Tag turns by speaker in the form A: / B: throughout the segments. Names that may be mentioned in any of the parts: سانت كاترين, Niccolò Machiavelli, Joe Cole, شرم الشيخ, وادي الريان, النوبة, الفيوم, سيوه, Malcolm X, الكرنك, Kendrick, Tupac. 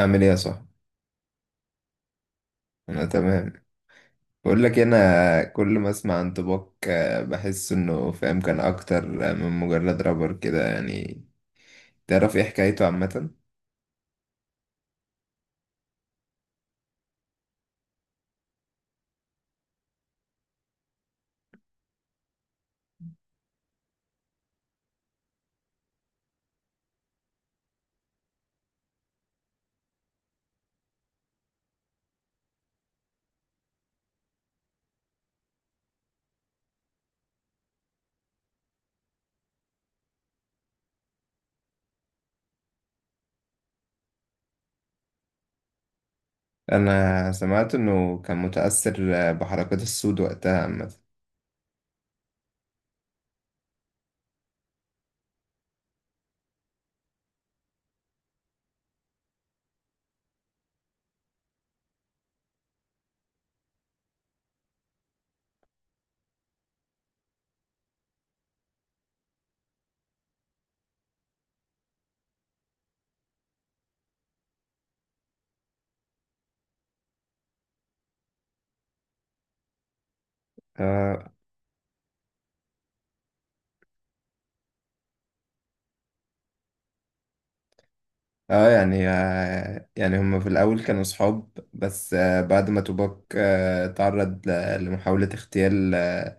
A: أعمل إيه يا صاحبي؟ أنا تمام. بقول لك إيه، أنا كل ما أسمع عن توباك بحس إنه فاهم كان أكتر من مجرد رابر كده يعني. تعرف إيه حكايته عامة؟ أنا سمعت إنه كان متأثر بحركات السود وقتها عامة. آه, آه يعني، آه يعني هما في الأول كانوا صحاب، بس آه بعد ما توباك تعرض لمحاولة اغتيال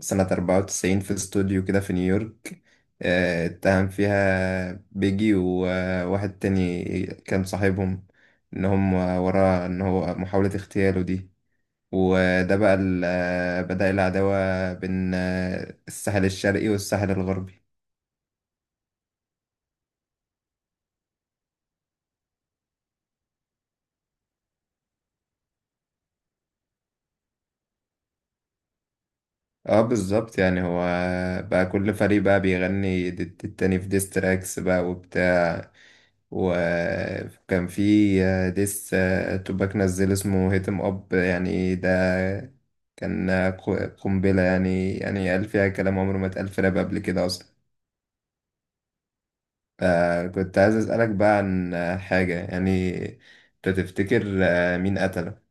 A: سنة 94 في استوديو كده في نيويورك. اتهم فيها بيجي وواحد تاني كان صاحبهم ان هم وراه ان هو محاولة اغتياله دي. وده بقى بدأ العداوة بين الساحل الشرقي والساحل الغربي. اه بالظبط يعني هو بقى كل فريق بقى بيغني ضد التاني في ديستراكس بقى وبتاع. وكان في ديس، توباك نزل اسمه هيتم اب يعني ده كان قنبلة، يعني يعني قال فيها كلام عمره ما اتقال في راب قبل كده أصلا. كنت عايز أسألك بقى عن حاجة يعني. أنت تفتكر مين قتله؟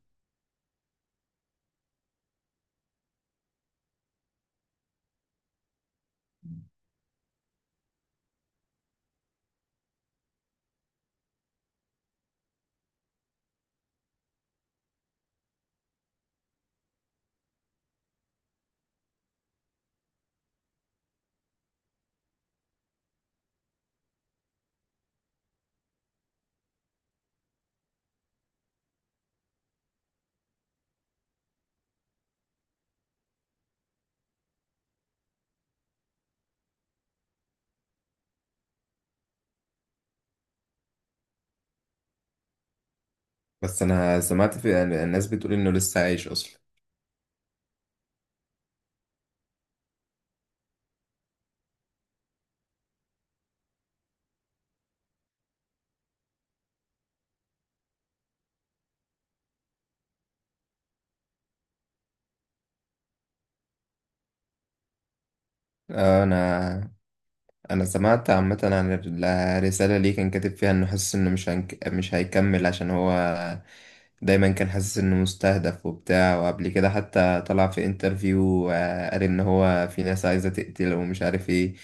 A: بس أنا سمعت في يعني الناس بتقول إنه لسه عايش أصلا. آه، أنا أنا سمعت عامة عن الرسالة اللي كان كاتب فيها إنه حاسس إنه مش هيكمل عشان هو دايما كان حاسس انه مستهدف وبتاع. وقبل كده حتى طلع في انترفيو، قال ان هو في ناس عايزة تقتله ومش عارف ايه.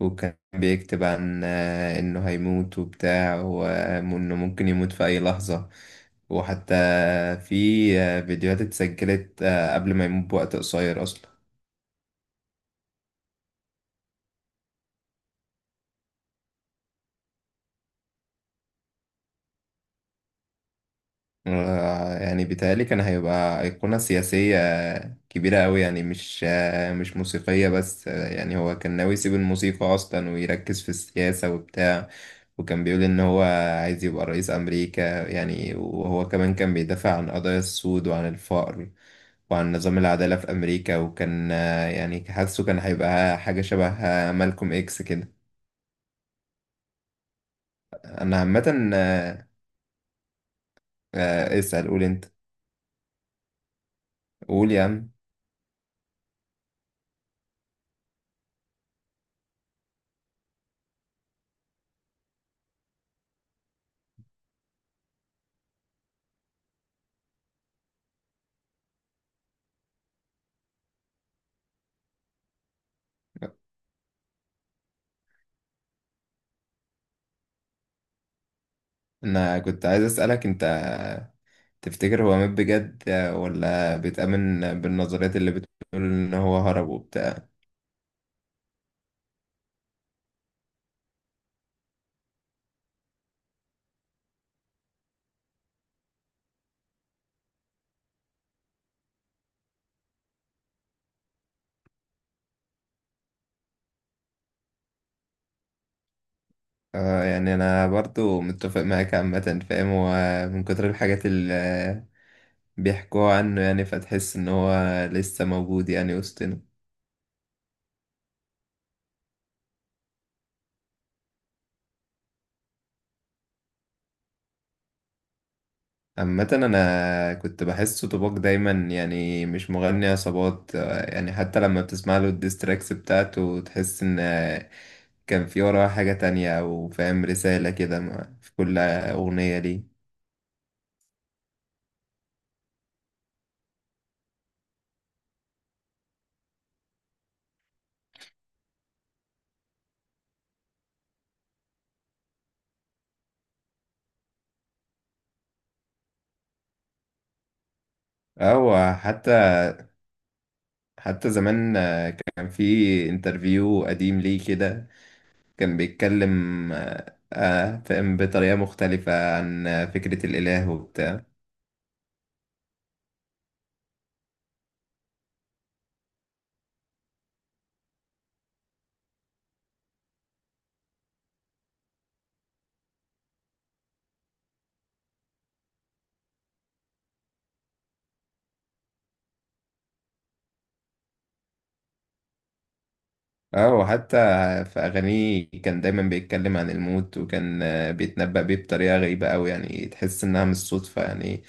A: وكان بيكتب عن انه هيموت وبتاع، وانه ممكن يموت في اي لحظة. وحتى في فيديوهات اتسجلت قبل ما يموت بوقت قصير اصلا. يعني بيتهيألي كان هيبقى أيقونة سياسية كبيرة أوي، يعني مش مش موسيقية بس. يعني هو كان ناوي يسيب الموسيقى أصلا ويركز في السياسة وبتاع. وكان بيقول إن هو عايز يبقى رئيس أمريكا يعني. وهو كمان كان بيدافع عن قضايا السود وعن الفقر وعن نظام العدالة في أمريكا. وكان يعني حاسه كان هيبقى حاجة شبه مالكوم إكس كده. أنا عامة اسأل، قول أنت. قول يا عم. انا كنت عايز اسالك، انت تفتكر هو مات بجد ولا بيتأمن بالنظريات اللي بتقول ان هو هرب وبتاع؟ يعني انا برضو متفق معاك عامه. فاهم هو من كتر الحاجات اللي بيحكوها عنه يعني، فتحس ان هو لسه موجود يعني وسطنا. عامة أنا كنت بحسه طباق دايما، يعني مش مغني عصابات. يعني حتى لما بتسمع له الديستراكس بتاعته تحس إن كان في وراها حاجة تانية، أو فاهم رسالة كده في كل أغنية ليه. أو حتى حتى زمان كان في انترفيو قديم ليه كده، كان بيتكلم فاهم بطريقة مختلفة عن فكرة الإله وبتاع. اه وحتى في أغانيه كان دايما بيتكلم عن الموت، وكان بيتنبأ بيه بطريقة غريبة أوي، يعني تحس إنها مش صدفة يعني.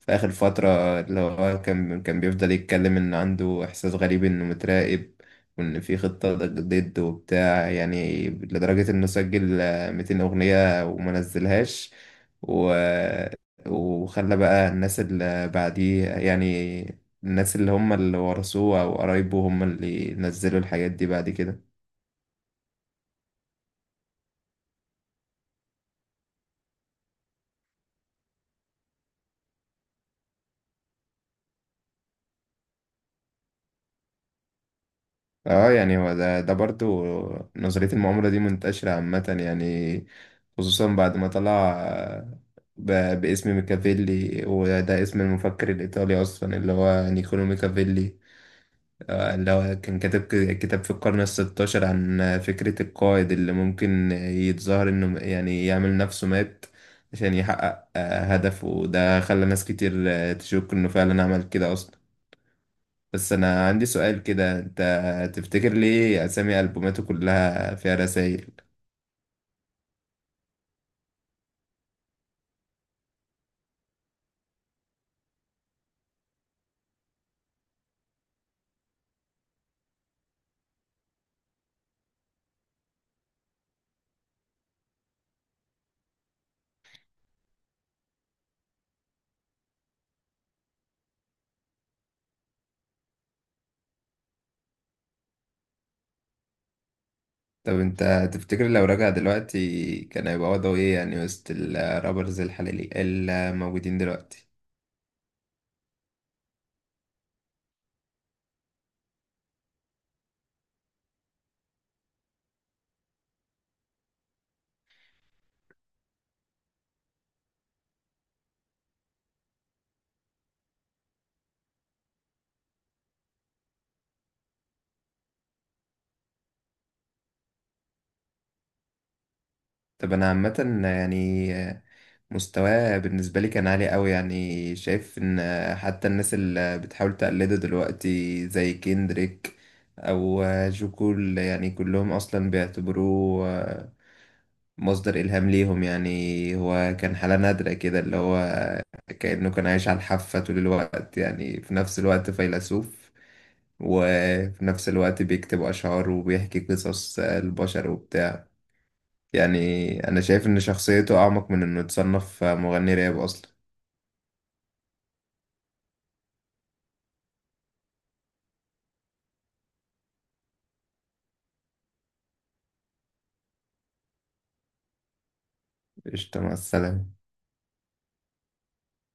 A: في آخر فترة اللي هو كان بيفضل يتكلم إن عنده إحساس غريب إنه متراقب، وإن في خطة ضد وبتاع يعني، لدرجة إنه سجل 200 أغنية وما نزلهاش. و... وخلى بقى الناس اللي بعديه يعني، الناس اللي هم اللي ورثوه او قرايبه هم اللي نزلوا الحاجات دي بعد كده. اه يعني هو ده برضو، نظرية المؤامرة دي منتشرة عامة يعني، خصوصا بعد ما طلع باسم ميكافيلي، وده اسم المفكر الإيطالي أصلا اللي هو نيكولو ميكافيلي. اللي هو كان كتب كتاب في القرن الستاشر عن فكرة القائد اللي ممكن يتظاهر إنه يعني يعمل نفسه مات عشان يحقق هدفه. ده خلى ناس كتير تشك إنه فعلا عمل كده أصلا. بس أنا عندي سؤال كده، أنت تفتكر ليه أسامي ألبوماته كلها فيها رسايل؟ طب أنت تفتكر لو رجع دلوقتي كان هيبقى وضعه إيه يعني وسط الرابرز الحالي الموجودين دلوقتي؟ طب أنا عامة يعني مستواه بالنسبة لي كان عالي قوي. يعني شايف ان حتى الناس اللي بتحاول تقلده دلوقتي زي كيندريك او جو كول، يعني كلهم اصلا بيعتبروه مصدر الهام ليهم يعني. هو كان حالة نادرة كده، اللي هو كأنه كان عايش على الحافة طول الوقت يعني. في نفس الوقت فيلسوف، وفي نفس الوقت بيكتب أشعار وبيحكي قصص البشر وبتاع يعني. أنا شايف إن شخصيته أعمق من إنه يتصنف مغني راب أصلا. قشطة، مع السلامة.